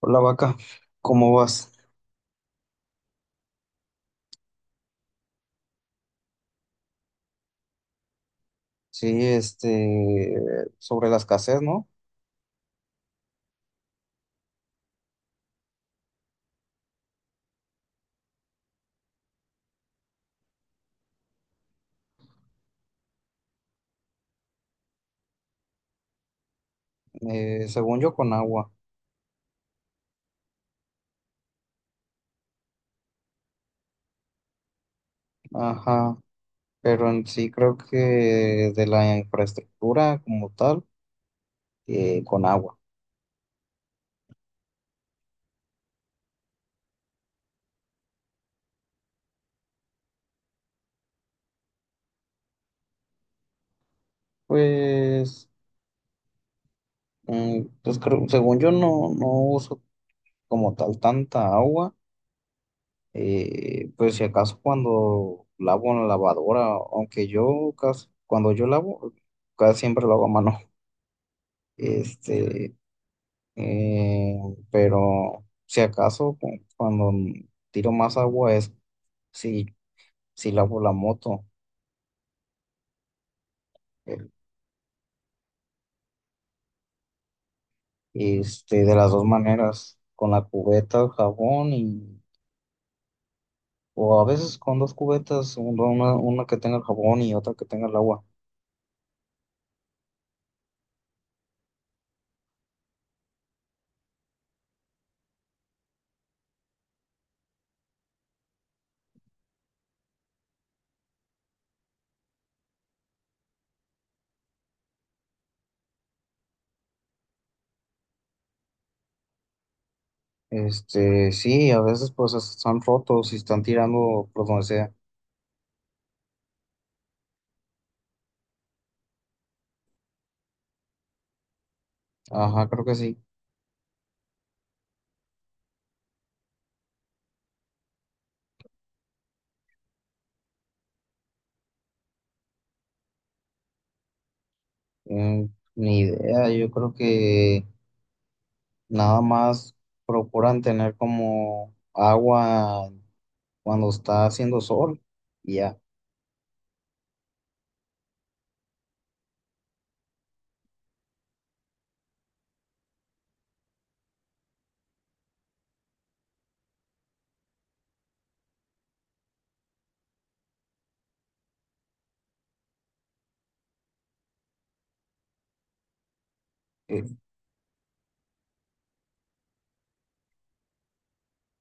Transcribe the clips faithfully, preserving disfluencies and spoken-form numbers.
Hola vaca, ¿cómo vas? Sí, este, sobre la escasez, ¿no? Eh, según yo, con agua. Ajá, pero en sí creo que de la infraestructura como tal, eh, con agua. Pues, mm, pues creo- Según yo no, no uso como tal tanta agua, eh, pues si acaso cuando lavo en la lavadora, aunque yo casi, cuando yo lavo, casi siempre lo hago a mano. Este, Eh, pero si acaso cu- cuando tiro más agua es si, si lavo la moto. eh, este, de las dos maneras, con la cubeta, el jabón y, o a veces con dos cubetas, una, una una que tenga el jabón y otra que tenga el agua. Este, sí, a veces pues es- están rotos y están tirando por donde sea. Ajá, creo que sí. Mm, Ni idea, yo creo que nada más procuran tener como agua cuando está haciendo sol, y ya. Eh,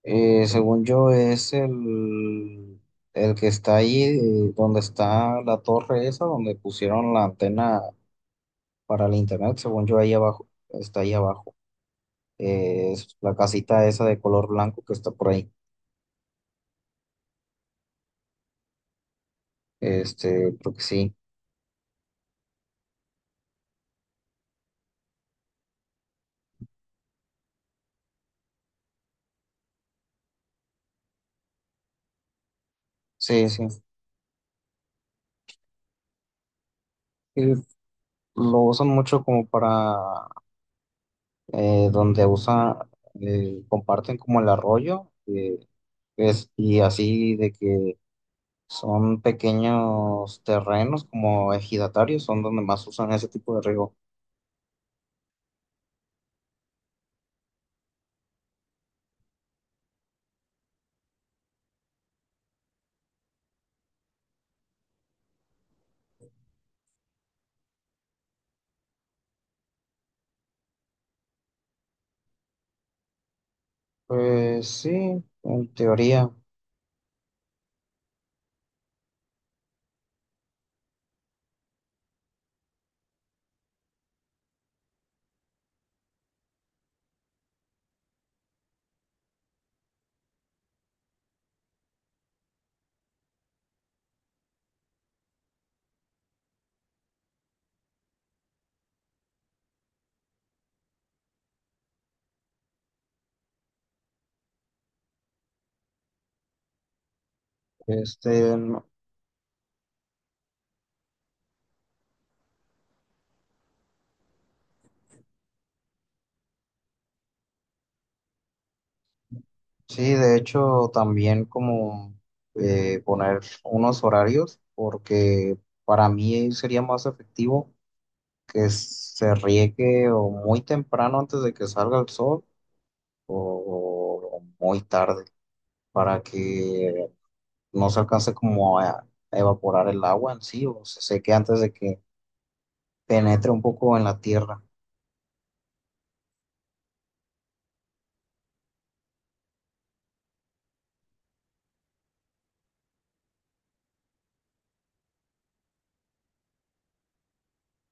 eh, Según yo, es el, el que está ahí, eh, donde está la torre esa, donde pusieron la antena para el internet, según yo, ahí abajo, está ahí abajo. Eh, es la casita esa de color blanco que está por ahí. Este, creo que sí, sí, sí. Y lo usan mucho como para eh, donde usa, eh, comparten como el arroyo, eh, es, y así de que son pequeños terrenos como ejidatarios, son donde más usan ese tipo de riego. Pues sí, en teoría. Este, no- sí, de hecho, también como eh, poner unos horarios, porque para mí sería más efectivo que se riegue o muy temprano antes de que salga el sol o, o muy tarde, para que no se alcance como a evaporar el agua en sí o se seque antes de que penetra un poco en la tierra,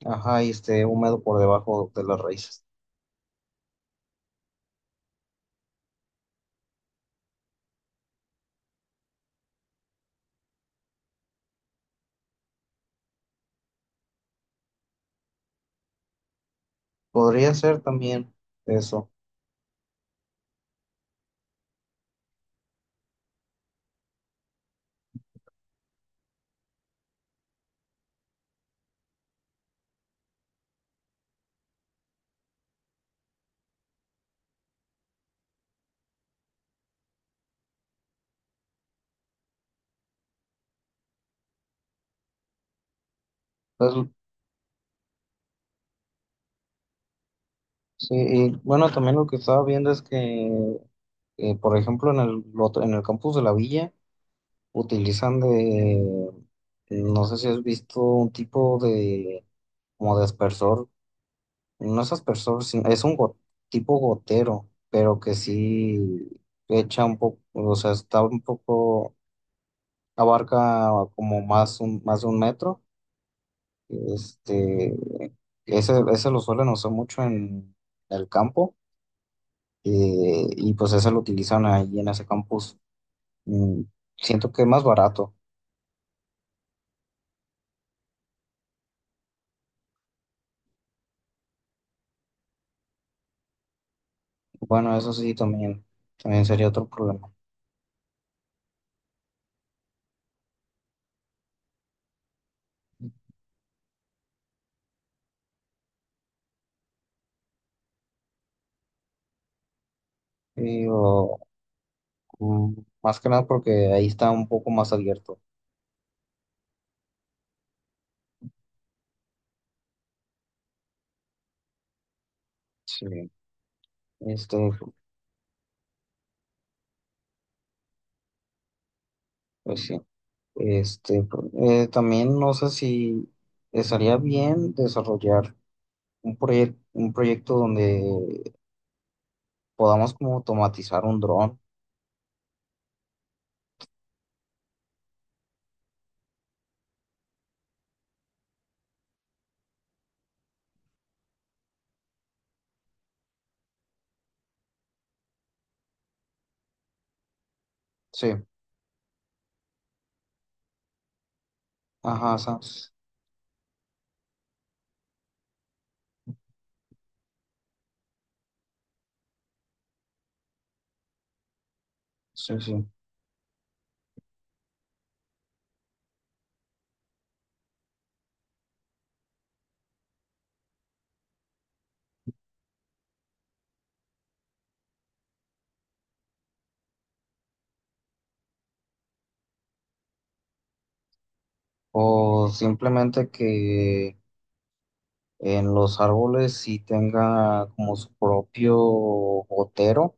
ajá, y esté húmedo por debajo de las raíces. Podría ser también eso. Entonces, sí, y bueno, también lo que estaba viendo es que, eh, por ejemplo, en el, otro- en el campus de la villa utilizan de, no sé si has visto un tipo de, como de aspersor, no es aspersor, sino- es un go- tipo gotero, pero que sí echa un poco, o sea, está un poco abarca como más, un, más de un metro. Este, Ese, ese lo suelen usar mucho en el campo eh, y pues ese lo utilizan ahí en ese campus. Mm, Siento que es más barato. Bueno, eso sí, también, también sería otro problema. Y, o, mm, más que nada porque ahí está un poco más abierto. Sí. Este, pues sí. Este, pro- eh, también no sé si estaría bien desarrollar un proyecto, un proyecto donde podamos como automatizar un dron. Sí, ajá, sa- sí, sí. O simplemente que en los árboles sí tenga como su propio gotero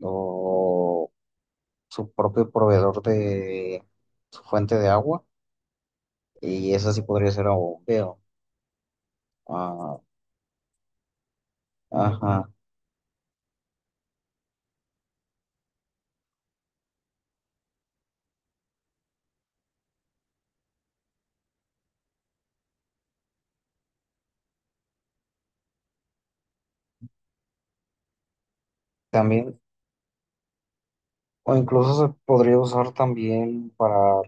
o su propio proveedor de su fuente de agua y esa sí podría ser a bombeo. Ah, ajá. También, o incluso se podría usar también para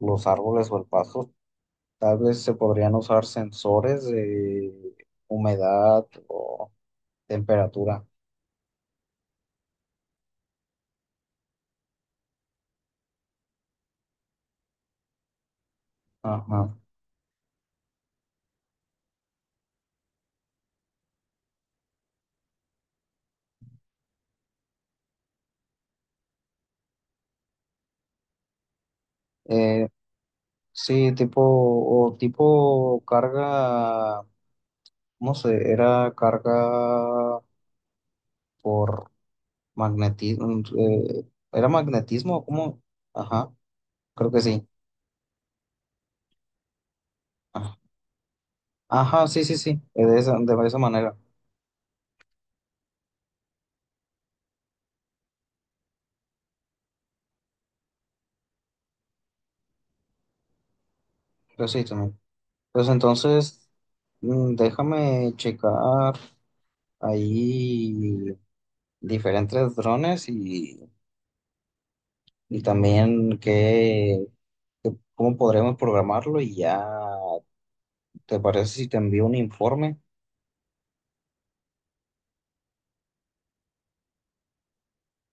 los árboles o el pasto. Tal vez se podrían usar sensores de humedad o temperatura. Ajá. Eh, sí, tipo, o tipo carga, no sé, era carga por magnetismo, era magnetismo, ¿cómo? Ajá, creo que sí. Ah, ajá, sí, sí, sí, eh, de esa, de esa manera. Pero sí, también. Pues entonces, mm, déjame checar ahí diferentes drones y, y también qué, qué- cómo podremos programarlo y ya, ¿te parece si te envío un informe?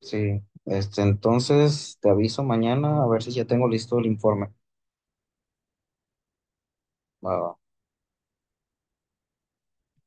Sí, este, entonces te aviso mañana a ver si ya tengo listo el informe. Va, va.